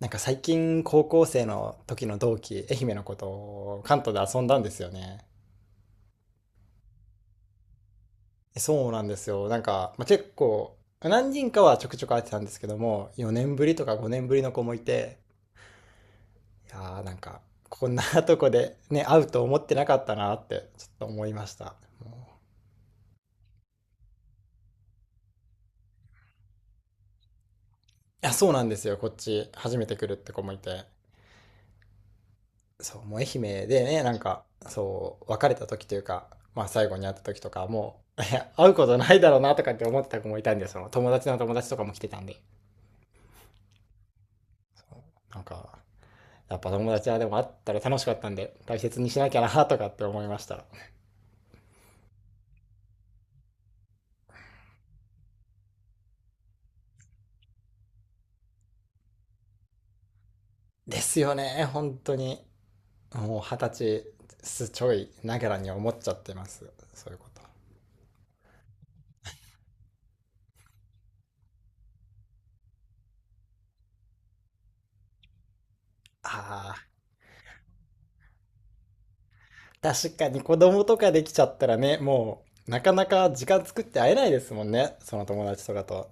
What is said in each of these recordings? なんか最近高校生の時の同期、愛媛の子と関東で遊んだんですよね。そうなんですよ。なんか、まあ、結構、何人かはちょくちょく会ってたんですけども、4年ぶりとか5年ぶりの子もいて、いやーなんか、こんなとこでね、会うと思ってなかったなって、ちょっと思いました。もういや、そうなんですよ。こっち、初めて来るって子もいて。そう、もう愛媛でね、なんか、そう、別れた時というか、まあ最後に会った時とか、もう、いや会うことないだろうなとかって思ってた子もいたんで、その友達の友達とかも来てたんで、なんか、やっぱ友達はでも会ったら楽しかったんで、大切にしなきゃなとかって思いました。ですよね、本当に。もう二十歳すちょいながらに思っちゃってます。そういうこと。ああ、確かに子供とかできちゃったらね、もう、なかなか時間作って会えないですもんね、その友達とかと。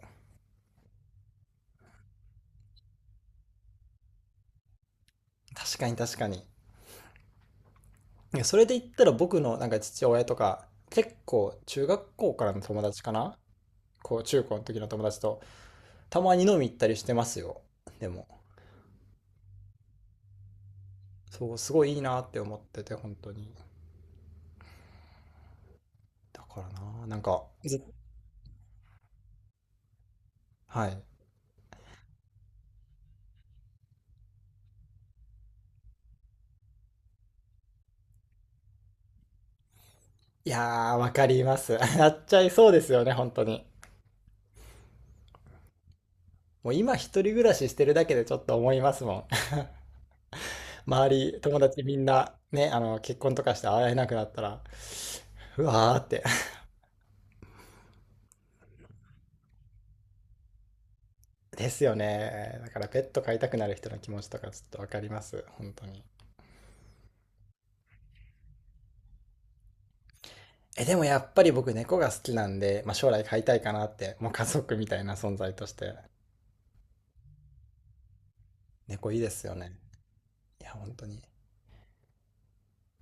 確かに確かに。それで言ったら僕のなんか父親とか、結構中学校からの友達かな、こう中高の時の友達と、たまに飲み行ったりしてますよ。でも、そう、すごいいいなって思ってて、本当に。だからな、なんか、ずはい。いやー、わかります。やっちゃいそうですよね、本当に。もう今一人暮らししてるだけでちょっと思いますもん。周り、友達みんな、ね、あの、結婚とかして会えなくなったら、うわーって。ですよね。だからペット飼いたくなる人の気持ちとかちょっとわかります。本当に。え、でもやっぱり僕猫が好きなんで、まあ、将来飼いたいかなって、もう家族みたいな存在として。猫いいですよね。いや、本当に。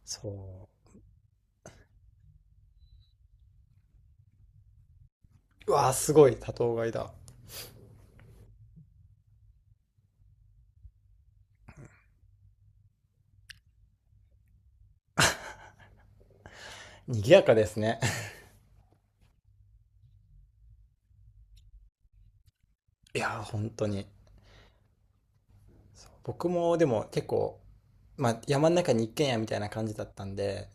そう。うわー、すごい。多頭飼いだ。賑やかですね。いやー、本当に。そう僕もでも結構、まあ、山の中に一軒家みたいな感じだったんで、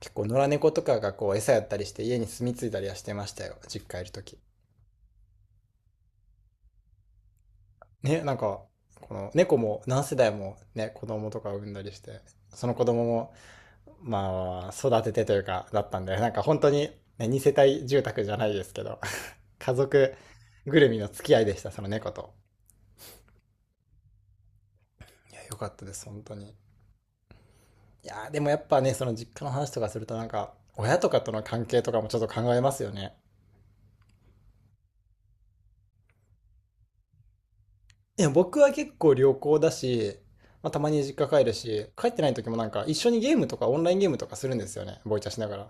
結構野良猫とかがこう餌やったりして家に住み着いたりはしてましたよ。実家いる時。ね、なんか、この猫も何世代もね、子供とか産んだりして、その子供も、まあ、育ててというか、だったんで、なんか本当に、ね、二世帯住宅じゃないですけど、家族ぐるみの付き合いでした、その猫と。いや、良かったです、本当に。いやー、でもやっぱね、その実家の話とかするとなんか、親とかとの関係とかもちょっと考えますよね。いや、僕は結構良好だし、まあ、たまに実家帰るし、帰ってない時もなんか一緒にゲームとかオンラインゲームとかするんですよね、ボイチャしながら。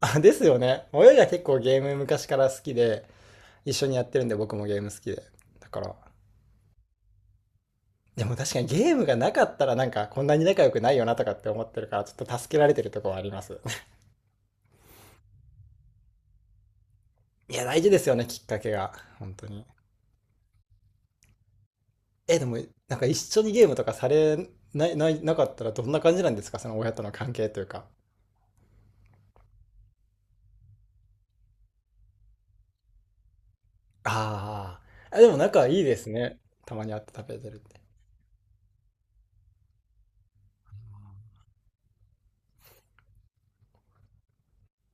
あ、ですよね。親が結構ゲーム昔から好きで、一緒にやってるんで僕もゲーム好きで。だから、でも確かにゲームがなかったらなんかこんなに仲良くないよなとかって思ってるから、ちょっと助けられてるとこはあります。いや、大事ですよね、きっかけが。本当に。え、でも、なんか一緒にゲームとかされない、ない、なかったらどんな感じなんですかその親との関係というか。あーあ。でも仲いいですね。たまに会って食べてるって。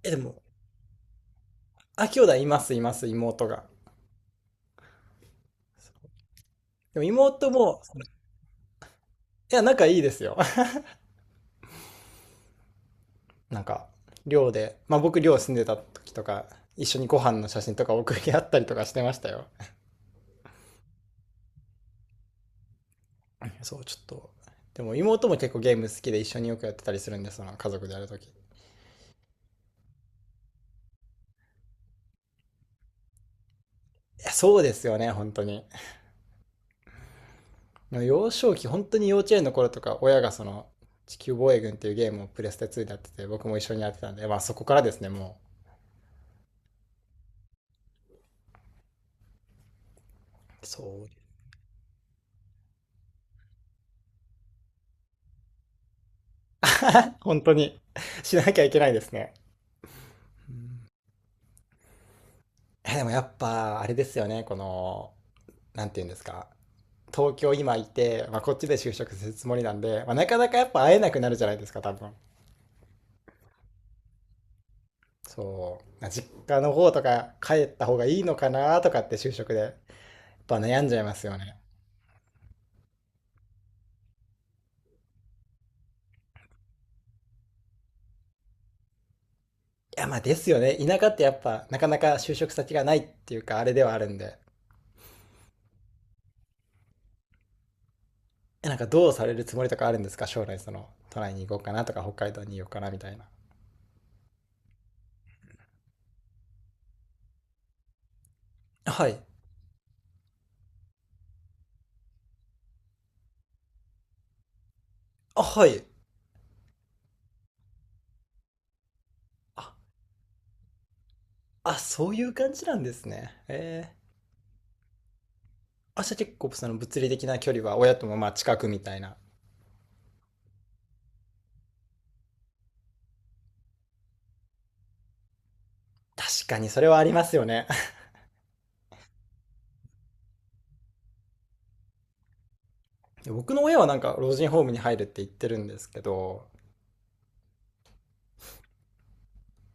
え、でも、あ、兄弟います、います、妹が。でも妹も、いや、仲いいですよ。なんか、寮で、まあ僕寮住んでた時とか、一緒にご飯の写真とか送り合ったりとかしてましたよ。そう、ちょっと。でも妹も結構ゲーム好きで一緒によくやってたりするんで、その家族でやるとき。いや、そうですよね、本当に。幼少期、本当に幼稚園の頃とか、親がその、地球防衛軍っていうゲームをプレステ2でやってて、僕も一緒にやってたんで、まあそこからですね、もう。そう 本当に しなきゃいけないですね。でもやっぱ、あれですよね、この、なんていうんですか。東京今いて、まあ、こっちで就職するつもりなんで、まあ、なかなかやっぱ会えなくなるじゃないですか多分。そう実家の方とか帰った方がいいのかなとかって就職でやっぱ悩んじゃいますよね。いやまあですよね、田舎ってやっぱなかなか就職先がないっていうかあれではあるんで。なんかどうされるつもりとかあるんですか、将来。その都内に行こうかなとか北海道に行こうかなみたいな。はい。あはい。ああ、そういう感じなんですね。ええ。あ、じゃあ結構その物理的な距離は親ともまあ近くみたいな。確かにそれはありますよね。僕の親はなんか老人ホームに入るって言ってるんですけど、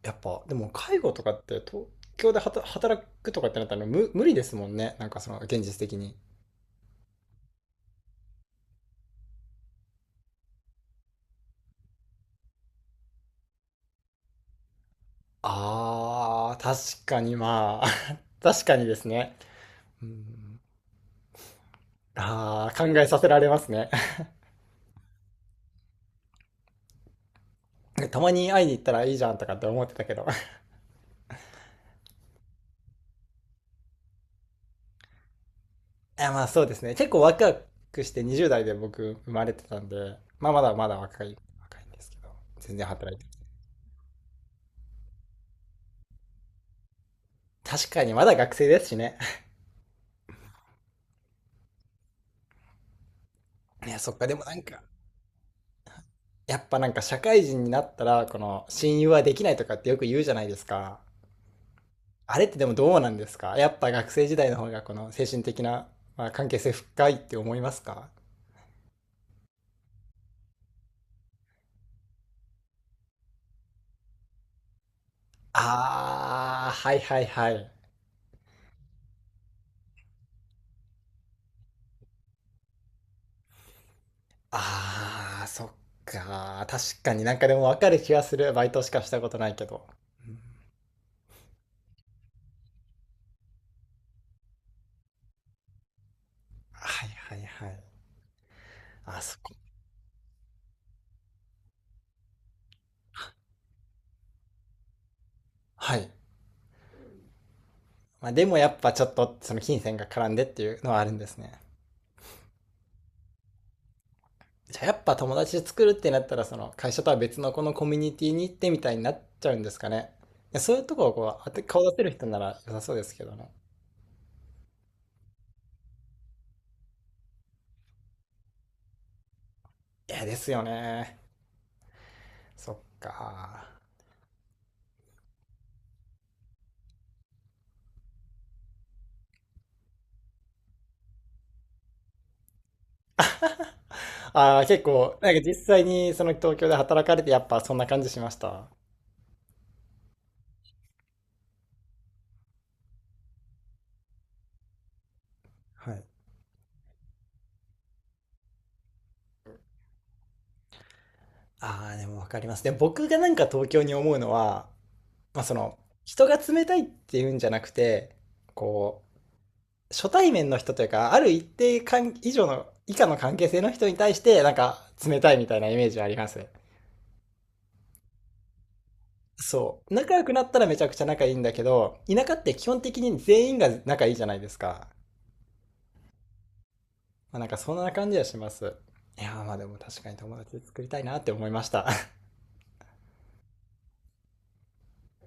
やっぱ、でも介護とかって東京で働くとかってなったら無理ですもんね。なんかその現実的に。あー、確かにまあ、確かにですね。うん。あー、考えさせられますね。たまに会いに行ったらいいじゃんとかって思ってたけど。いやまあそうですね。結構ワクワクして20代で僕生まれてたんで、まあまだまだ若い、若いんですけど、全然働いて。確かにまだ学生ですしね。いや、そっか、でもなんか、やっぱなんか社会人になったら、この親友はできないとかってよく言うじゃないですか。あれってでもどうなんですか、やっぱ学生時代の方がこの精神的な、まあ、関係性深いって思いますか。あー、はいはいはい。あー、そっか。確かになんかでもわかる気がする。バイトしかしたことないけど。うん。はいはいはい。あそこ。はい。まあでもやっぱちょっとその金銭が絡んでっていうのはあるんですね。じゃあやっぱ友達で作るってなったら、その会社とは別のこのコミュニティに行ってみたいになっちゃうんですかね。いや、そういうとこをこう、顔出せる人なら良さそうですけどね。いや、ですよね。そっか。ああ、結構、なんか実際にその東京で働かれてやっぱそんな感じしました。はい。ああ、でもわかります。で、僕がなんか東京に思うのは、まあその、人が冷たいっていうんじゃなくて、こう、初対面の人というか、ある一定以上の、以下の関係性の人に対して、なんか、冷たいみたいなイメージはありますね。そう。仲良くなったらめちゃくちゃ仲いいんだけど、田舎って基本的に全員が仲いいじゃないですか。まあ、なんかそんな感じはします。いやーまあでも確かに友達作りたいなって思いました。